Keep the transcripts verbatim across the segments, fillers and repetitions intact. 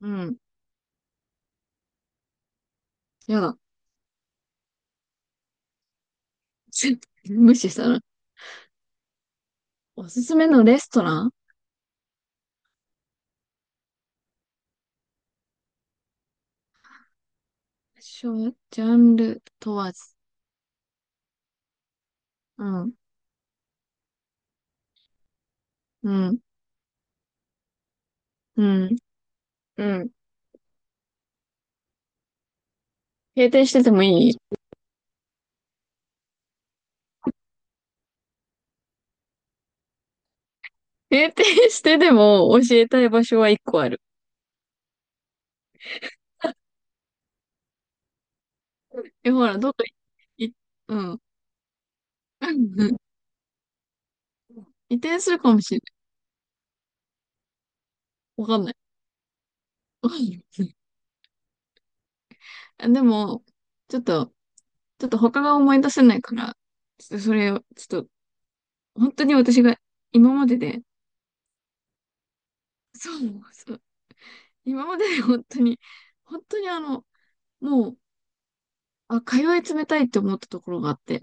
うん。やだ。無視したら。おすすめのレストラン、ショジャンル問わず。うん。うん。うん。うん。閉店しててもいい？閉店してでも教えたい場所は一個ある。え、ほら、どっか、い、いうん。移転するかもしれない。わかんない。わかんない。あ、でも、ちょっと、ちょっと他が思い出せないから、ちょっとそれを、ちょっと、本当に私が今までで、そう、そう、今までで本当に、本当に、あの、もう、あ、通い詰めたいって思ったところがあって、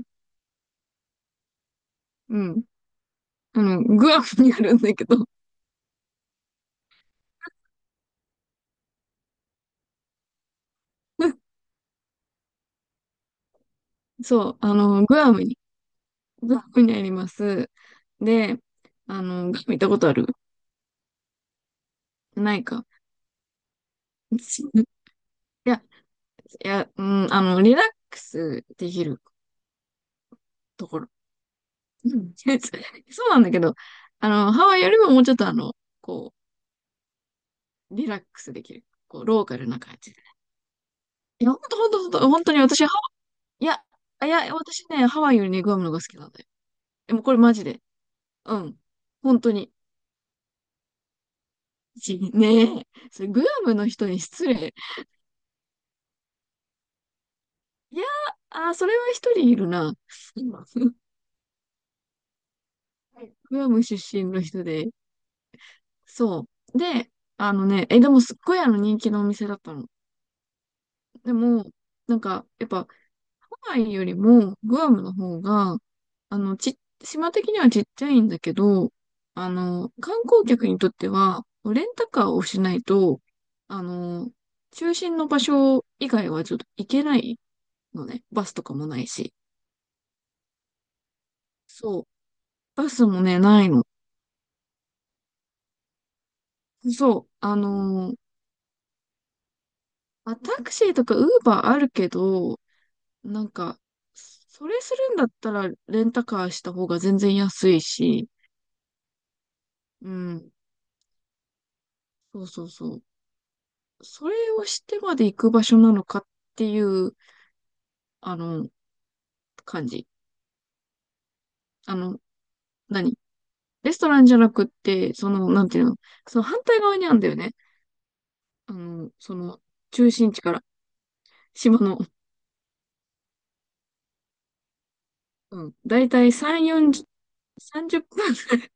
うん。あの、グアムにあるんだけど、そう、あの、グアムに、グアムにあります。で、あの、グアム行ったことある？ないか。いや、いや、うん、あの、リラックスできるところ。うん。 そうなんだけど、あの、ハワイよりももうちょっと、あの、こう、リラックスできる。こう、ローカルな感じで。いや、ほんとほんとほんと、本当に私。いや、あいや、私ね、ハワイよりね、グアムの方が好きなんだよ。でもこれマジで。うん。本当に。ちねえ、それグアムの人に失礼。いや、あ、それは一人いるな。今。 グアム出身の人で。そう。で、あのね、え、でもすっごい、あの、人気のお店だったの。でも、なんか、やっぱ、ハワイよりもグアムの方が、あの、ち、島的にはちっちゃいんだけど、あの、観光客にとっては、レンタカーをしないと、あの、中心の場所以外はちょっと行けないのね。バスとかもないし。そう。バスもね、ないの。そう。あのー、まあ、タクシーとかウーバーあるけど、なんか、それするんだったらレンタカーした方が全然安いし、うん。そうそうそう。それをしてまで行く場所なのかっていう、あの、感じ。あの、何レストランじゃなくって、その、なんていうの、その反対側にあるんだよね。あの、その、中心地から、島の、うん、だいたいさん、よんじゅう、分ぐらい。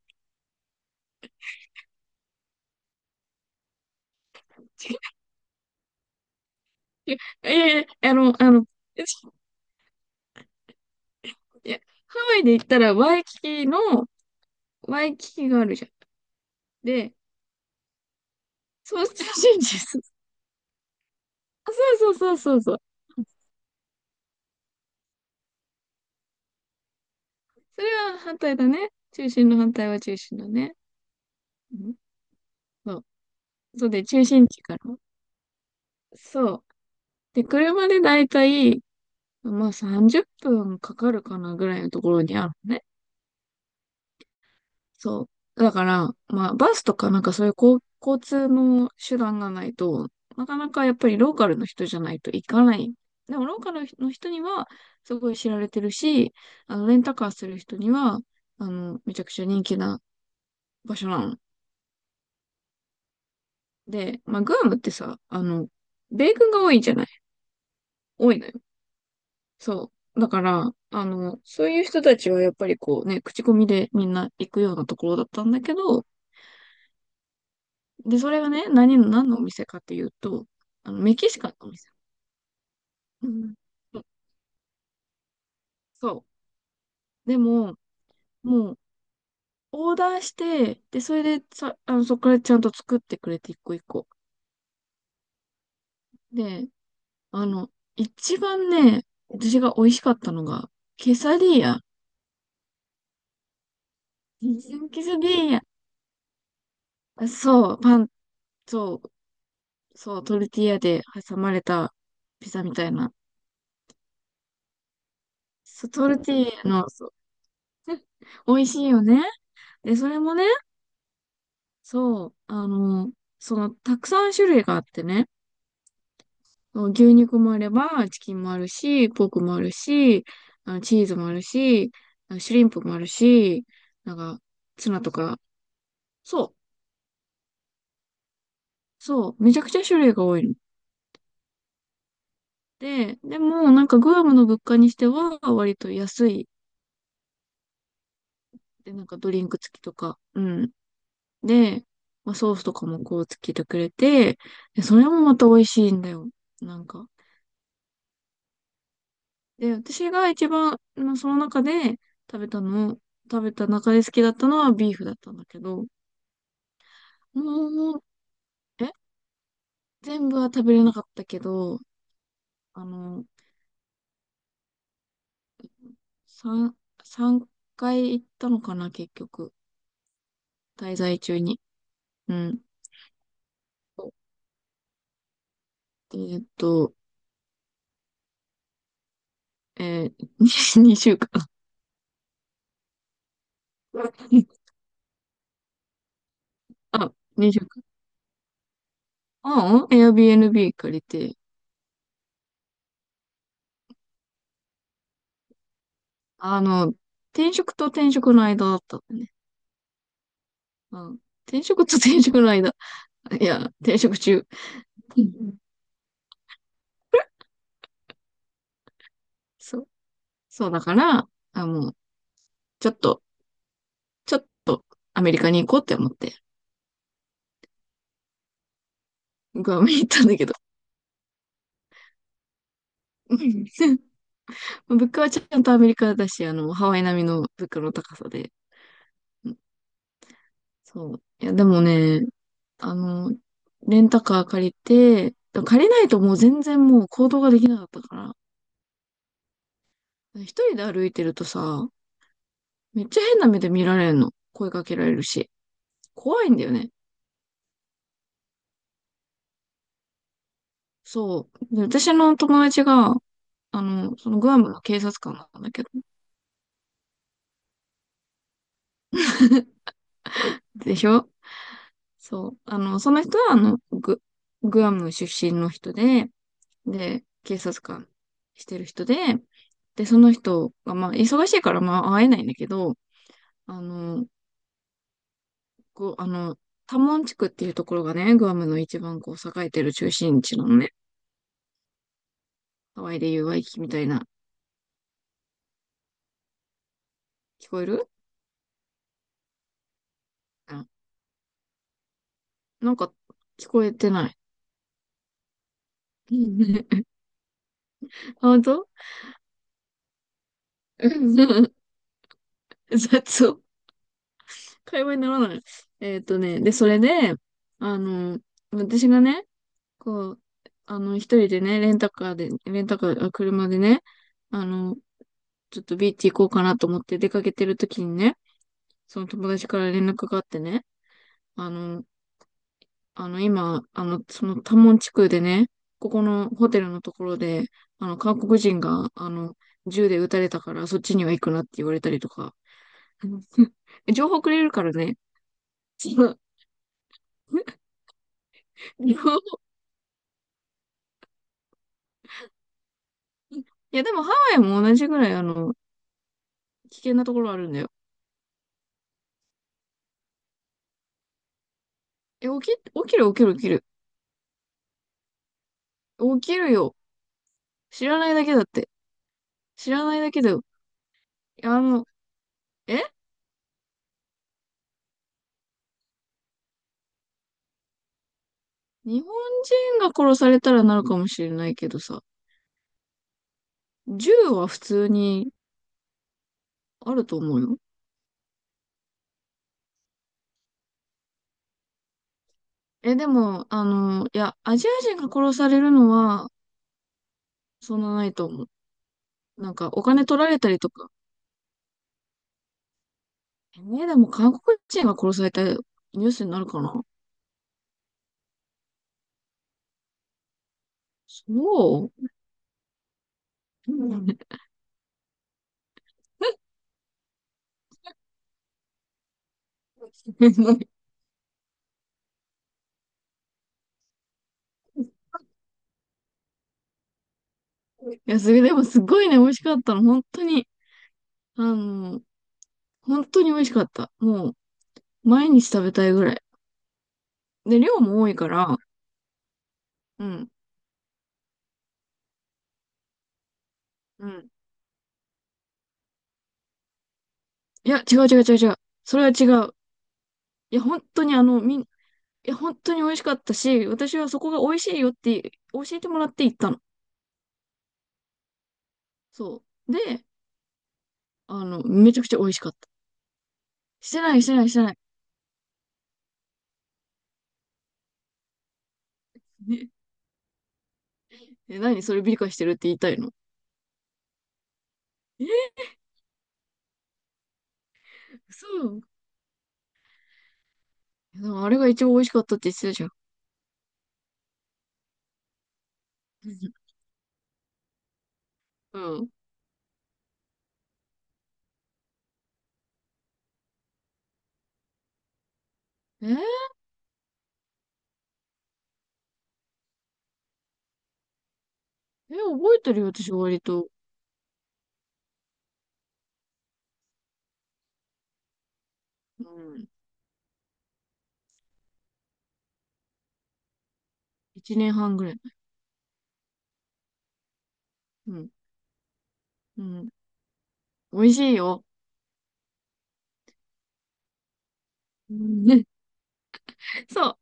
いやいやいや、あの、あの、いや、ハワイで行ったら、ワイキキの、ワイキキがあるじゃん。で、そう、中心地です。あ、そうそうそうそうそう。それは反対だね。中心の反対は中心だね。うん、そう。そうで、中心地から。そう。で、車でだいたい、まあさんじゅっぷんかかるかなぐらいのところにあるのね。そう。だから、まあバスとかなんかそういう、交、交通の手段がないと、なかなかやっぱりローカルの人じゃないと行かない。でもローカルの人にはすごい知られてるし、あの、レンタカーする人には、あの、めちゃくちゃ人気な場所なの。で、まあグアムってさ、あの、米軍が多いじゃない。多いのよ。そう。だから、あの、そういう人たちはやっぱりこうね、口コミでみんな行くようなところだったんだけど、で、それがね、何、何のお店かっていうと、あの、メキシカンのお店。うん。そうそう。でも、もう、オーダーして、で、それでさ、あの、そこからちゃんと作ってくれて、いっこいっこ。で、あの、一番ね、私が美味しかったのが、ケサディーヤ。ケサディーヤ。そう、パン、そう、そう、トルティーヤで挟まれたピザみたいな。そう、トルティーヤの、そう、美味しいよね。で、それもね、そう、あの、その、たくさん種類があってね、そう、牛肉もあれば、チキンもあるし、ポークもあるし、あの、チーズもあるし、あの、シュリンプもあるし、なんか、ツナとか、そう、そう、めちゃくちゃ種類が多いの。で、でも、なんか、グアムの物価にしては、割と安い。で、なんか、ドリンク付きとか、うん。で、まあ、ソースとかもこうつけてくれて、で、それもまた美味しいんだよ。なんか。で、私が一番、まあ、その中で食べたの、食べた中で好きだったのはビーフだったんだけど、もう、え全部は食べれなかったけど、あの、三三回行ったのかな、結局。滞在中に。うん。そう。えーっと、えー、にしゅうかん。あ、にしゅうかん。ああ、Airbnb 借りて、あの、転職と転職の間だったのね。うん。転職と転職の間。いや、転職中。うん、そう。そうだから、あ、もう、ちょっと、ちょっとアメリカに行こうって思って、グアムに行ったんだけど。うん。 物価はちゃんとアメリカだし、あの、ハワイ並みの物価の高さで。うん、そう。いや、でもね、あの、レンタカー借りて、借りないともう全然もう行動ができなかったから、一人で歩いてるとさ、めっちゃ変な目で見られるの。声かけられるし。怖いんだよね。そう。で私の友達が、あの、そのグアムの警察官なんだけど、でしょ？そう。あの、その人は、あの、グ、グアム出身の人で、で、警察官してる人で、で、その人が、まあ、忙しいから、まあ、会えないんだけど、あの、こう、あの、タモン地区っていうところがね、グアムの一番こう、栄えてる中心地なのね。ハワイでいうワイキキみたいな。聞こえる？あ、なんか聞こえてない。あ、本当？うん。 雑音。会話にならない。えっとね、で、それで、あの、私がね、こう、あの、一人でね、レンタカーで、レンタカー、あ、車でね、あの、ちょっとビーチ行こうかなと思って出かけてる時にね、その友達から連絡があってね、あの、あの、今、あの、そのタモン地区でね、ここのホテルのところで、あの、韓国人が、あの、銃で撃たれたから、そっちには行くなって言われたりとか。情報くれるからね。その 情報。いや、でもハワイも同じぐらい、あの、危険なところあるんだよ。え、起き、起きる、起きる、起きる。起きるよ。知らないだけだって。知らないだけだよ。いや、あの、え日本人が殺されたらなるかもしれないけどさ、銃は普通にあると思うよ。え、でも、あの、いや、アジア人が殺されるのは、そんなないと思う。なんか、お金取られたりとか。えね、でも、韓国人が殺されたニュースになるかな？そう。うん。 いや、それでもすごいね、美味しかったの。本当に、あの、本当に美味しかった。もう、毎日食べたいぐらい。で、量も多いから、うん、うん。いや、違う違う違う違う。それは違う。いや、本当にあの、みん、いや、本当に美味しかったし、私はそこが美味しいよって、教えてもらって行ったの。そう。で、あの、めちゃくちゃ美味しかった。してない、してない、してない。ねえ、何それ美化してるって言いたいの？え、嘘。でもあれが一番美味しかったって言ってたじゃん。うん。えー、え、覚えてるよ、私割と。うん。いちねんはんぐらい。うん。うん。美味しいよ。うん、ね、そう。